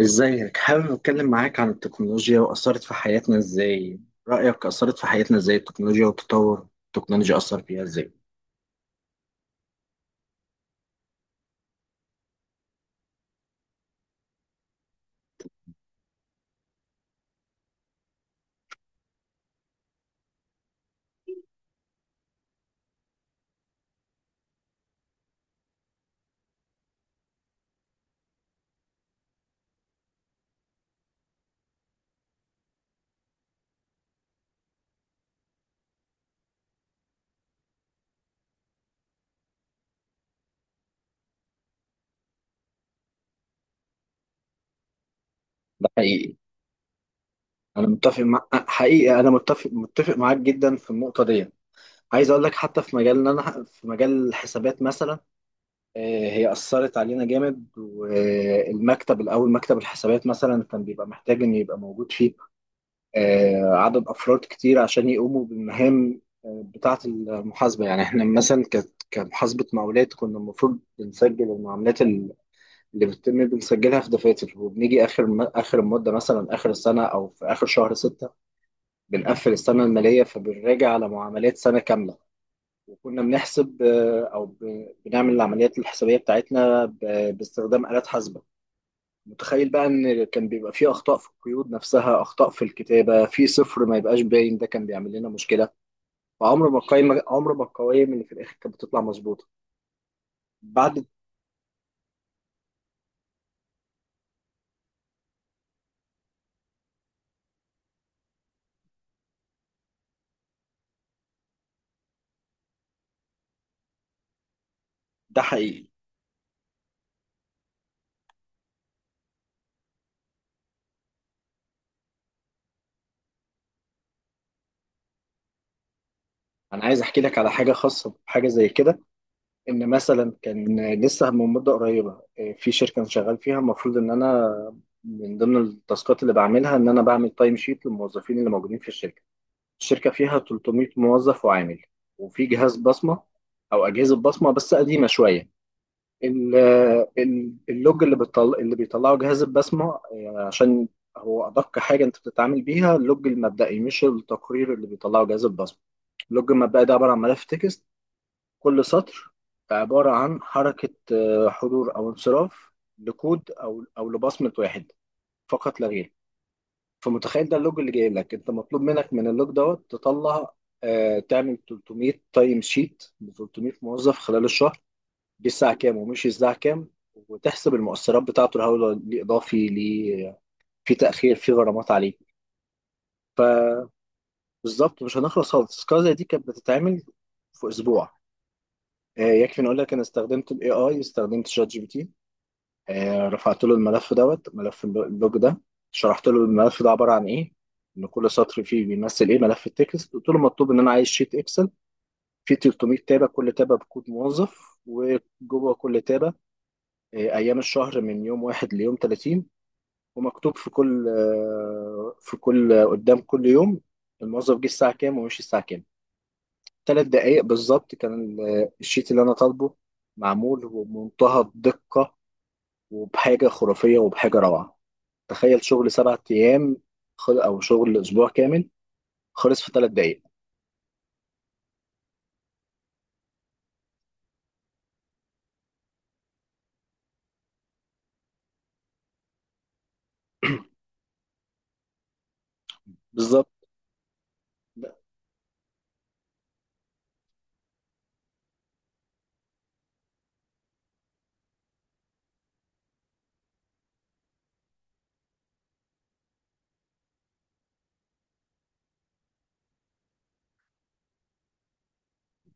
ازيك؟ حابب اتكلم معاك عن التكنولوجيا واثرت في حياتنا ازاي؟ رايك اثرت في حياتنا ازاي التكنولوجيا وتطور التكنولوجيا اثر فيها ازاي؟ ده حقيقي. انا متفق معاك جدا في النقطه دي. عايز اقول لك حتى في مجالنا، انا في مجال الحسابات مثلا. آه، هي اثرت علينا جامد، والمكتب الاول، مكتب الحسابات مثلا، كان بيبقى محتاج انه يبقى موجود فيه عدد أفراد كتير عشان يقوموا بالمهام بتاعة المحاسبة. يعني إحنا مثلا كمحاسبة مقاولات كنا المفروض بنسجل المعاملات اللي بتتم بنسجلها في دفاتر، وبنيجي آخر آخر المدة، مثلا آخر السنة، أو في آخر شهر ستة بنقفل السنة المالية، فبنراجع على معاملات سنة كاملة. وكنا بنحسب أو بنعمل العمليات الحسابية بتاعتنا باستخدام آلات حاسبة. متخيل بقى ان كان بيبقى فيه اخطاء في القيود نفسها، اخطاء في الكتابه، في صفر ما يبقاش باين، ده كان بيعمل لنا مشكله، وعمر ما القايمه عمر ما القوائم اللي في الاخر كانت بتطلع مظبوطه بعد. ده حقيقي. انا عايز احكي لك على حاجه خاصه بحاجه زي كده. ان مثلا كان لسه من مده قريبه، في شركه انا شغال فيها، المفروض ان انا من ضمن التاسكات اللي بعملها ان انا بعمل تايم شيت للموظفين اللي موجودين في الشركه. الشركه فيها 300 موظف وعامل، وفي جهاز بصمه، او اجهزه بصمه بس قديمه شويه. ال- اللوج اللي اللي بيطلعه جهاز البسمة، يعني عشان هو أدق حاجة أنت بتتعامل بيها، اللوج المبدئي مش التقرير اللي بيطلعه جهاز البسمة. اللوج المبدئي ده عبارة عن ملف تكست، كل سطر عبارة عن حركة حضور أو انصراف لكود أو لبصمة واحد فقط لا غير. فمتخيل ده اللوج اللي جاي لك، أنت مطلوب منك من اللوج دوت تطلع، تعمل 300 تايم شيت ب 300 موظف خلال الشهر، جه الساعه كام ومشي الساعه كام، وتحسب المؤثرات بتاعته، الهوله ليه، اضافي ليه، في تاخير، في غرامات عليه. فبالظبط مش هنخلص خالص. تذكره زي دي كانت بتتعمل في اسبوع. يكفي نقول لك انا استخدمت الاي اي، استخدمت شات جي بي تي، رفعت له الملف دوت، ملف اللوج ده. شرحت له الملف ده عباره عن ايه، ان كل سطر فيه بيمثل ايه، ملف التكست. قلت له مطلوب، ان انا عايز شيت اكسل فيه 300 تابه، كل تابه بكود موظف، وجوه كل تابه ايام الشهر من يوم 1 ليوم 30، ومكتوب في كل آه، في كل قدام كل يوم الموظف جه الساعة كام ومشي الساعة كام. 3 دقايق بالظبط كان الشيت اللي أنا طالبه معمول، وبمنتهى الدقة، وبحاجة خرافية، وبحاجة روعة. تخيل شغل 7 أيام، أو شغل أسبوع كامل، خلص في 3 دقايق. بالظبط. لا،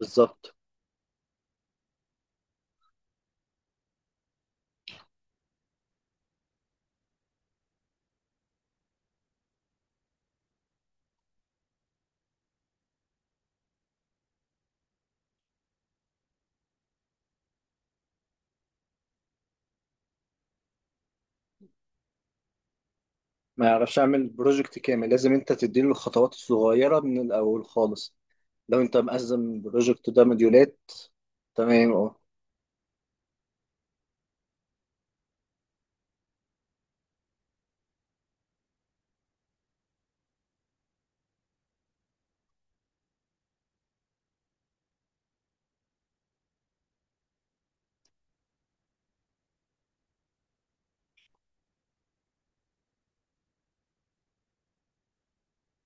بالظبط. ما يعرفش أعمل بروجكت كامل، لازم أنت تديله الخطوات الصغيرة من الأول خالص. لو أنت مقسم البروجكت ده مديولات. تمام.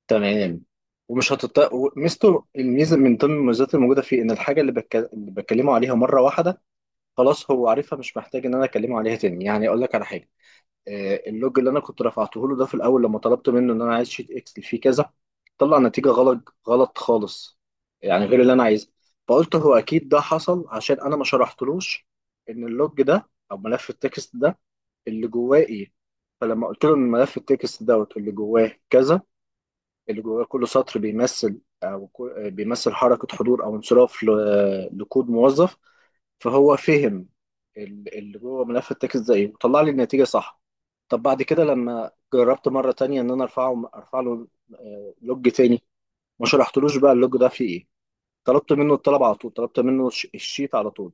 تمام. ومش هتط... الميزه من ضمن المميزات الموجوده فيه، ان الحاجه اللي بتكلمه عليها مره واحده، خلاص هو عارفها، مش محتاج ان انا اكلمه عليها تاني. يعني اقول لك على حاجه، اللوج اللي انا كنت رفعته له ده، في الاول لما طلبت منه ان انا عايز شيت اكسل فيه كذا، طلع نتيجه غلط غلط خالص، يعني غير اللي انا عايزها. فقلت هو اكيد ده حصل عشان انا ما شرحتلوش ان اللوج ده او ملف التكست ده اللي جواه ايه. فلما قلت له ان ملف التكست دوت اللي جواه كذا، اللي جواه كل سطر بيمثل أو بيمثل حركة حضور أو انصراف لكود موظف، فهو فهم اللي جوه ملف التكست ده إيه، وطلع لي النتيجة صح. طب بعد كده لما جربت مرة تانية إن أنا أرفع له لوج تاني، ما شرحتلوش بقى اللوج ده فيه إيه، طلبت منه الطلب على طول، طلبت منه الشيت على طول،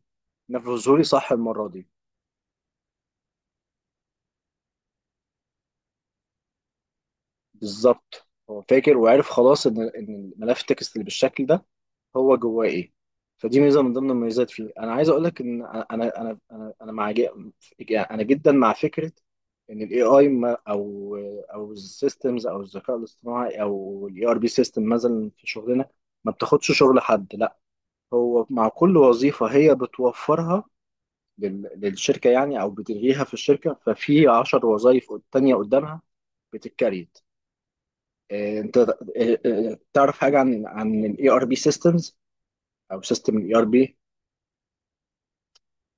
نفذهولي صح المرة دي. بالظبط، هو فاكر وعرف خلاص إن ملف التكست اللي بالشكل ده هو جواه ايه. فدي ميزه من ضمن المميزات فيه. انا عايز اقول لك ان انا انا انا انا مع ج- يعني انا جدا مع فكره ان الاي اي، او او السيستمز، او الذكاء الاصطناعي، او الاي ار بي سيستم مثلا في شغلنا، ما بتاخدش شغل حد. لا، هو مع كل وظيفه هي بتوفرها للشركه، يعني او بتلغيها في الشركه، ففي 10 وظائف تانيه قدامها بتتكريت. انت إيه، إيه، تعرف حاجه عن الاي ار بي سيستمز، او سيستم الاي ار بي؟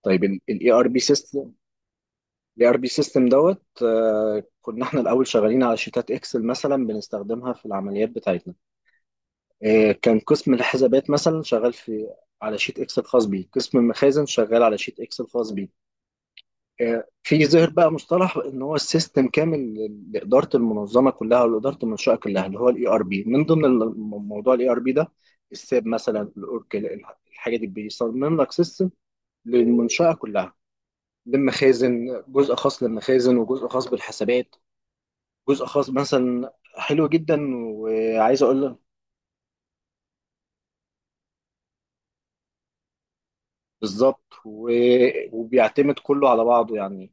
طيب الاي ار بي سيستم دوت، كنا احنا الاول شغالين على شيتات اكسل مثلا، بنستخدمها في العمليات بتاعتنا. كان قسم الحسابات مثلا شغال على شيت اكسل خاص بيه، قسم المخازن شغال على شيت اكسل خاص بيه، في ظهر بقى مصطلح ان هو السيستم كامل لاداره المنظمه كلها، ولاداره المنشاه كلها، اللي هو الاي ار بي. من ضمن موضوع الاي ار بي ده، الساب مثلا، الاوركل، الحاجه دي بيصمم لك سيستم للمنشاه كلها، للمخازن جزء خاص للمخازن، وجزء خاص بالحسابات، جزء خاص مثلا. حلو جدا. وعايز اقول لك بالظبط، وبيعتمد كله على بعضه. يعني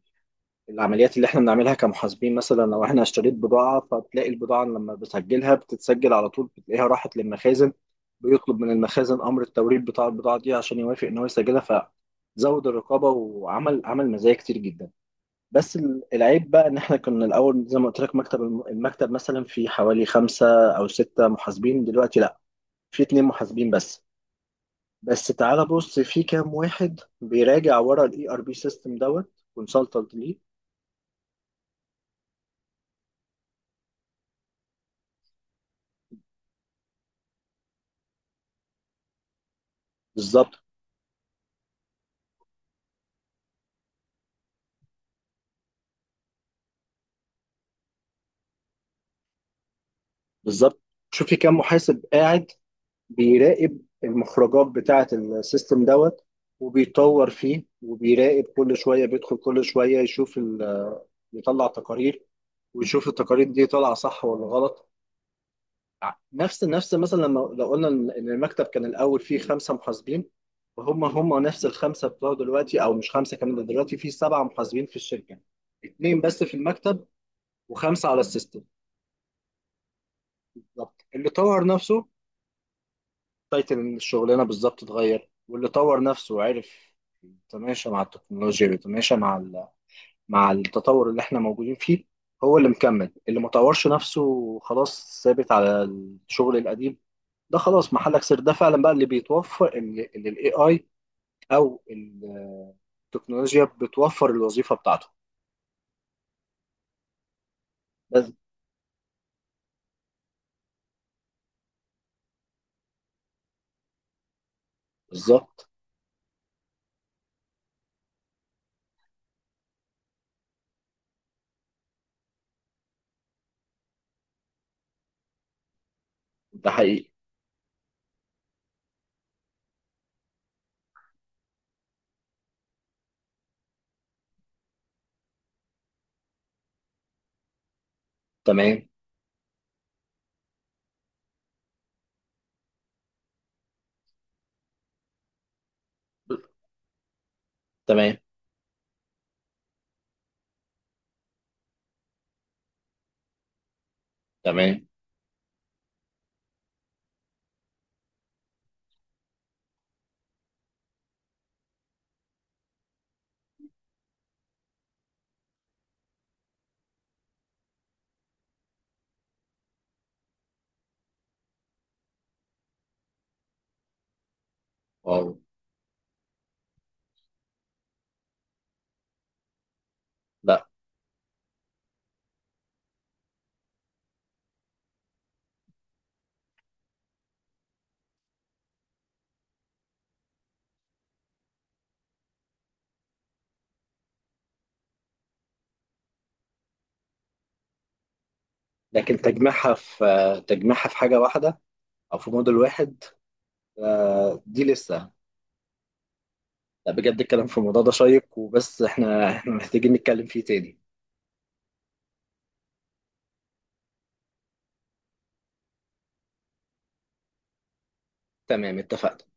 العمليات اللي احنا بنعملها كمحاسبين مثلا، لو احنا اشتريت بضاعة، فبتلاقي البضاعة لما بسجلها بتتسجل على طول، بتلاقيها راحت للمخازن، بيطلب من المخازن امر التوريد بتاع البضاعة دي عشان يوافق ان هو يسجلها. فزود الرقابة، وعمل مزايا كتير جدا. بس العيب بقى ان احنا كنا الاول، زي ما قلت لك، مكتب المكتب مثلا في حوالي خمسة او ستة محاسبين، دلوقتي لا، في اتنين محاسبين بس. بس تعال بص في كام واحد بيراجع ورا الاي ار بي سيستم دوت كونسلتنت ليه. بالظبط. بالظبط. شوف في كام محاسب قاعد بيراقب المخرجات بتاعة السيستم دوت، وبيطور فيه، وبيراقب، كل شوية بيدخل، كل شوية يشوف يطلع تقارير، ويشوف التقارير دي طالعة صح ولا غلط. نفس مثلا، لما لو قلنا إن المكتب كان الاول فيه خمسه محاسبين، وهم نفس الخمسه بتوع دلوقتي، او مش خمسه كمان، ده دلوقتي فيه سبعه محاسبين في الشركه، اتنين بس في المكتب، وخمسه على السيستم. بالظبط، اللي طور نفسه. تايتل الشغلانه بالظبط اتغير، واللي طور نفسه وعرف يتماشى مع التكنولوجيا، ويتماشى مع مع التطور اللي احنا موجودين فيه، هو اللي مكمل. اللي ما طورش نفسه، خلاص ثابت على الشغل القديم، ده خلاص محلك سر. ده فعلا بقى اللي بيتوفر، اللي الاي اي او التكنولوجيا بتوفر الوظيفه بتاعته. بس بالظبط. ده حقيقي. تمام. تمام. تمام. واو. لا. لكن تجميعها في حاجه واحده، او في موديل واحد، دي لسه. لا، بجد الكلام في الموضوع ده شيق. وبس احنا محتاجين نتكلم فيه تاني. تمام، اتفقنا.